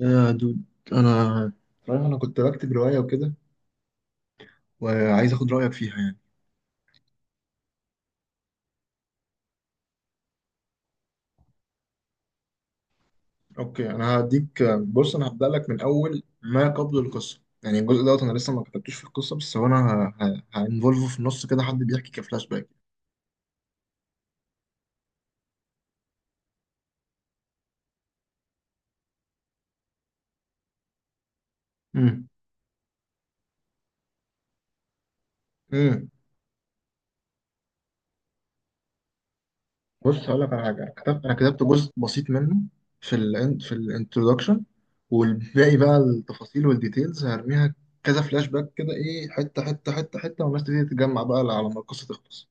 يا دود، انا انا كنت بكتب روايه وكده، وعايز اخد رايك فيها يعني. اوكي، انا هديك، بص انا هبدا لك من اول ما قبل القصه، يعني الجزء دوت انا لسه ما كتبتوش في القصه، بس هو انا هانفولفه في النص كده، حد بيحكي كفلاش باك. امم امم بص هقول لك على حاجه، انا كتبت جزء بسيط منه في ال في الانترودكشن، والباقي بقى التفاصيل والديتيلز هرميها كذا فلاش باك كده، ايه، حته حته والناس تبتدي تتجمع بقى على ما القصه تخلص.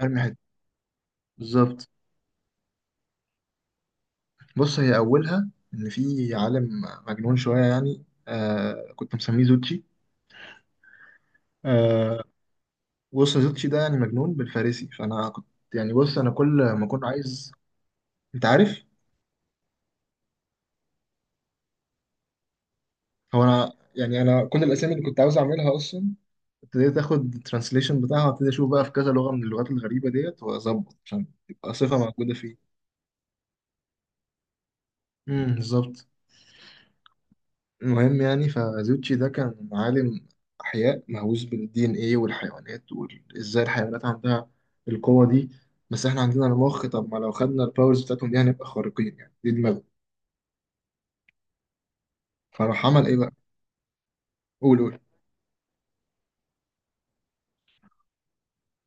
هرمي حته، بالظبط. بص، هي أولها إن في عالم مجنون شوية يعني، كنت مسميه زوتشي. آه بص، زوتشي ده يعني مجنون بالفارسي، فأنا كنت يعني، بص أنا كل ما كنت عايز، أنت عارف. هو أنا يعني، أنا كل الأسامي اللي كنت عاوز أعملها أصلا ابتديت آخد الترانسليشن بتاعها، وابتدي أشوف بقى في كذا لغة من اللغات الغريبة ديت وأظبط عشان تبقى صفة موجودة فيه. بالظبط. المهم يعني، فزوتشي ده كان عالم أحياء مهووس بالدي إن إيه والحيوانات، وإزاي الحيوانات عندها القوة دي، بس إحنا عندنا المخ، طب ما لو خدنا الباورز بتاعتهم دي هنبقى خارقين يعني، دي دماغه. فراح عمل إيه بقى؟ قول قول.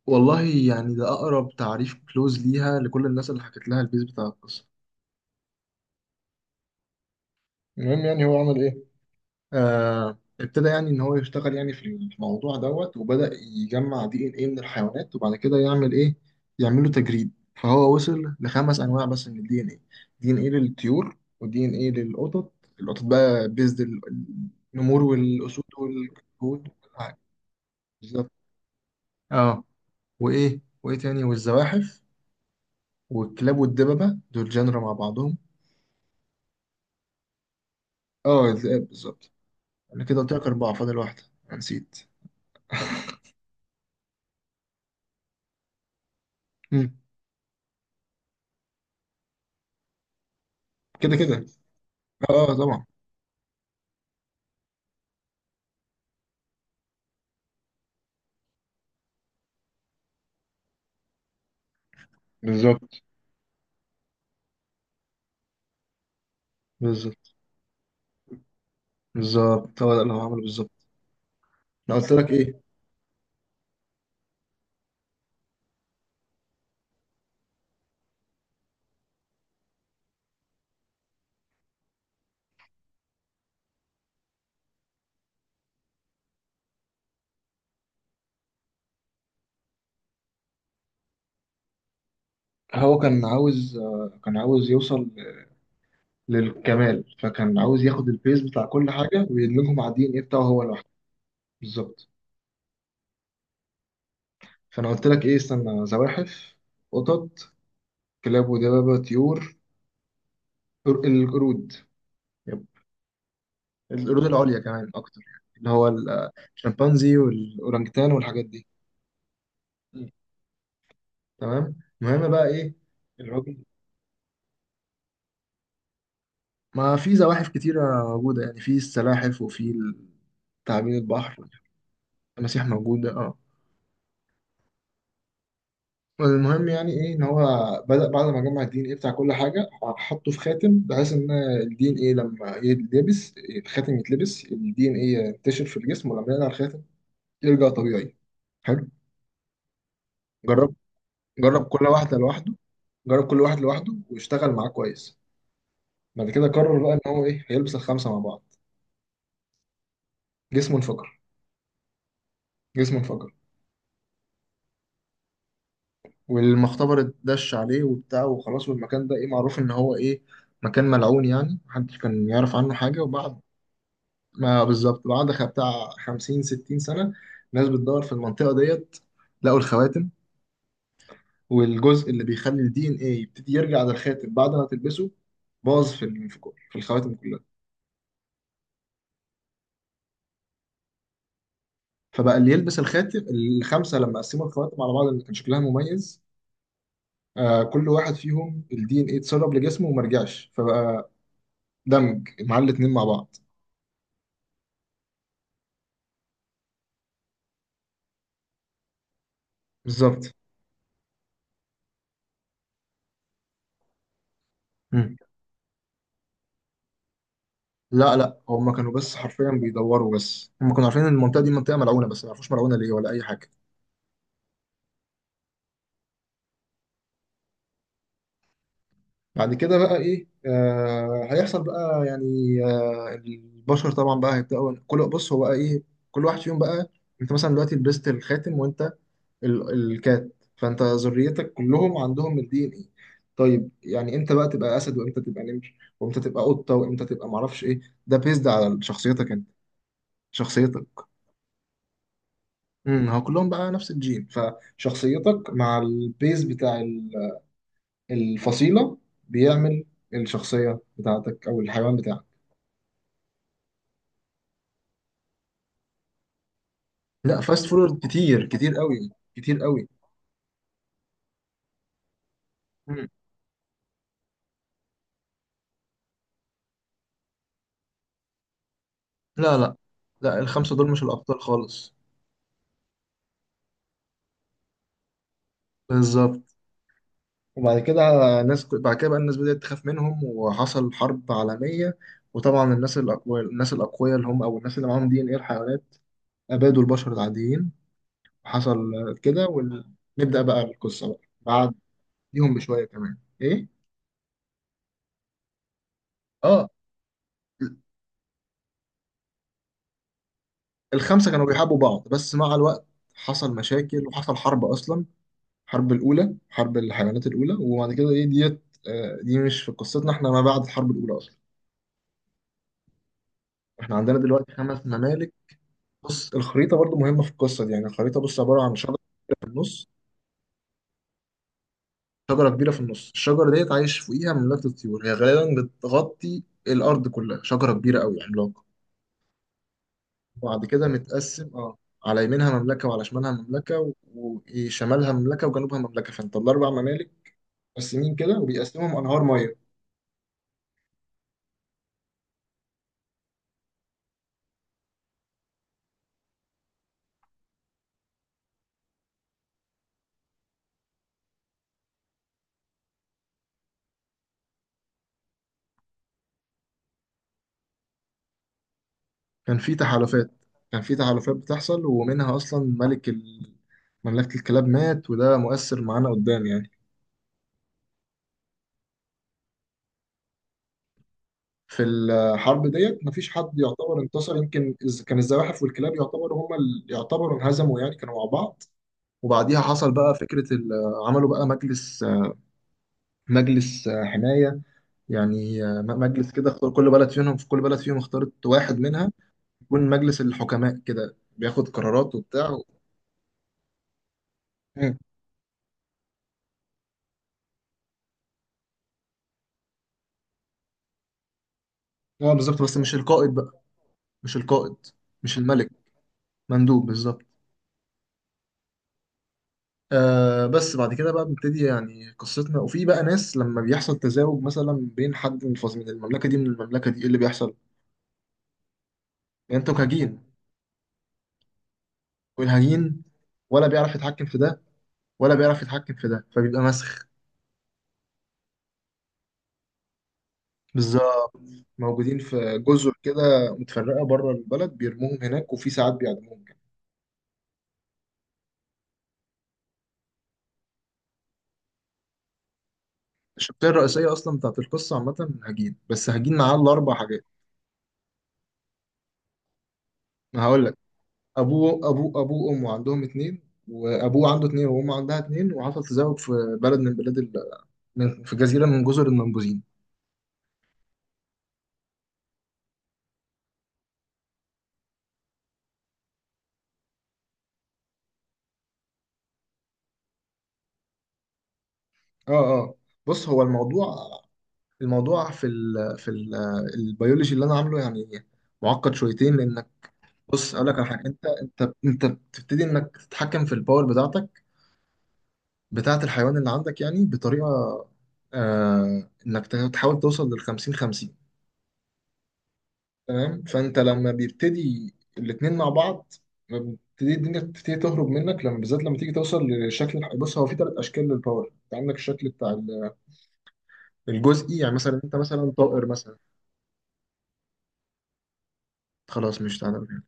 والله يعني ده أقرب تعريف كلوز ليها لكل الناس اللي حكت لها البيز بتاع القصة. المهم يعني، هو عمل إيه؟ ابتدى يعني ان هو يشتغل يعني في الموضوع دوت، وبدأ يجمع دي ان ايه من الحيوانات، وبعد كده يعمل ايه، يعمل له تجريد. فهو وصل لخمس انواع بس من الدي ان ايه: دي ان ايه للطيور، ودي ان ايه للقطط. القطط بقى بيزد النمور والاسود والهنود وكل حاجه، بالظبط. اه، وايه وايه تاني، والزواحف والكلاب والدببه، دول جنرا مع بعضهم. اه الذئاب، بالظبط. انا كده قلت لك اربعه، فاضل واحده. أنا نسيت. مم. كده كده. اه، طبعا. بالظبط بالظبط بالظبط، هو ده اللي هو عمله بالظبط. انا قلت لك ايه، هو كان عاوز كان عاوز يوصل للكمال، فكان عاوز ياخد البيز بتاع كل حاجه ويدمجهم مع الدي ان ايه بتاعه هو لوحده، بالظبط. فانا قلت لك ايه، استنى: زواحف، قطط، كلاب ودبابه، طيور، القرود. يب. القرود العليا كمان اكتر، يعني اللي هو الشمبانزي والاورانجتان والحاجات دي. مم. تمام. المهم بقى ايه، الراجل، ما في زواحف كتيرة موجودة يعني، في السلاحف وفي تعابين البحر. المسيح موجودة، اه. المهم يعني ايه، ان هو بدأ بعد ما جمع الدي ان ايه بتاع كل حاجة، حطه في خاتم، بحيث ان الدي ان ايه لما يتلبس الخاتم يتلبس، الدي ان ايه ينتشر في الجسم، ولما يقلع الخاتم يرجع طبيعي. حلو. جرب، جرب كل واحدة لوحده، جرب كل واحد لوحده واشتغل معاه كويس. بعد كده قرر بقى ان هو ايه، هيلبس الخمسة مع بعض. جسمه انفجر. جسمه انفجر. والمختبر اتدش عليه وبتاع وخلاص، والمكان ده ايه، معروف ان هو ايه، مكان ملعون يعني، محدش كان يعرف عنه حاجة. وبعد ما بالظبط، بعد بتاع خمسين 60 سنة، ناس بتدور في المنطقة ديت لقوا الخواتم. والجزء اللي بيخلي الدي ان ايه يبتدي يرجع للخاتم بعد ما تلبسه باظ في ال- في كل- في الخواتم كلها. فبقى اللي يلبس الخاتم الخمسة، لما قسموا الخواتم على بعض اللي كان شكلها مميز، كل واحد فيهم الدي ان ايه اتسرب لجسمه وما رجعش، فبقى دمج مع الاتنين مع بعض، بالظبط. مم. لا لا، هم كانوا بس حرفيا بيدوروا، بس هم كانوا عارفين ان المنطقه دي منطقه ملعونه، بس ما يعرفوش ملعونه ليه ولا اي حاجه. بعد كده بقى ايه، هيحصل بقى يعني، البشر طبعا بقى هيبداوا كل، بص هو بقى ايه، كل واحد فيهم بقى، انت مثلا دلوقتي لبست الخاتم وانت الكات، فانت ذريتك كلهم عندهم الدي ان ايه. طيب يعني امتى بقى تبقى اسد، وامتى تبقى نمر، وامتى تبقى قطه، وامتى تبقى معرفش ايه، ده بيزد على شخصيتك انت، شخصيتك. هو كلهم بقى نفس الجين، فشخصيتك مع البيز بتاع الفصيلة بيعمل الشخصية بتاعتك أو الحيوان بتاعك. لا فاست فورورد كتير كتير قوي، كتير قوي. مم. لا لا لا الخمسة دول مش الأبطال خالص، بالظبط. وبعد كده الناس، بعد كده بقى الناس بدأت تخاف منهم وحصل حرب عالمية. وطبعا الناس الأقوياء، الناس الأقوياء اللي هم أو الناس اللي معاهم دي إن إيه الحيوانات، أبادوا البشر العاديين. حصل كده، ونبدأ بقى القصة بقى بعد ليهم بشويه كمان، ايه. اه، الخمسه كانوا بيحبوا بعض، بس مع الوقت حصل مشاكل وحصل حرب اصلا، الحرب الاولى، حرب الحيوانات الاولى. وبعد كده ايه ديت، دي مش في قصتنا، احنا ما بعد الحرب الاولى اصلا، احنا عندنا دلوقتي خمس ممالك. بص، الخريطه برضو مهمه في القصه دي، يعني الخريطه بص عباره عن شجره كبيره في النص، شجره كبيره في النص. الشجره ديت عايش فوقيها مملكه الطيور، هي غالبا بتغطي الارض كلها، شجره كبيره قوي عملاقه. وبعد كده متقسم، اه، على يمينها مملكة وعلى شمالها مملكة، و- وشمالها مملكة وجنوبها مملكة، فانت الأربع ممالك متقسمين كده، وبيقسمهم أنهار مية. كان في تحالفات، كان في تحالفات بتحصل، ومنها أصلا ملك ال... مملكة الكلاب مات، وده مؤثر معانا قدام يعني. في الحرب ديت مفيش حد يعتبر انتصر، يمكن إز... كان الزواحف والكلاب يعتبروا هما اللي يعتبروا انهزموا يعني، كانوا مع بعض. وبعديها حصل بقى فكرة ال... عملوا بقى مجلس، مجلس حماية، يعني مجلس كده اختار كل بلد فيهم، في كل بلد فيهم اختارت واحد منها يكون مجلس الحكماء كده، بياخد قرارات وبتاع. مم. اه بالظبط، بس مش القائد بقى، مش القائد، مش الملك، مندوب، بالظبط. بس بعد كده بقى بنبتدي يعني قصتنا، وفي بقى ناس لما بيحصل تزاوج مثلا بين حد من المملكة دي من المملكة دي، ايه اللي بيحصل؟ يعني انتوا كهجين، والهجين ولا بيعرف يتحكم في ده ولا بيعرف يتحكم في ده، فبيبقى مسخ، بالظبط. موجودين في جزر كده متفرقة بره البلد، بيرموهم هناك، وفي ساعات بيعدموهم كمان. الشخصية الرئيسية أصلا بتاعت القصة عامة هجين، بس هجين معاه الأربع حاجات. ما هقول لك. أبوه، أبوه وأمه عندهم اتنين، وأبوه عنده اتنين وأمه عندها اتنين، وحصل تزاوج في بلد من بلاد ال... في جزيرة من جزر المنبوذين. اه اه. بص هو الموضوع، الموضوع في ال... في ال... البيولوجي اللي أنا عامله يعني معقد شويتين، لأن بص اقول لك على حاجه، انت بتبتدي انك تتحكم في الباور بتاعتك، بتاعه الحيوان اللي عندك، يعني بطريقه، انك تحاول توصل لل 50 50. تمام. فانت لما بيبتدي الاتنين مع بعض، بتبتدي الدنيا بتبتدي تهرب منك، لما بالذات لما تيجي توصل لشكل بص هو في ثلاث اشكال للباور، انت عندك الشكل بتاع الجزئي، يعني مثلا انت مثلا طائر مثلا. خلاص مش تعالى.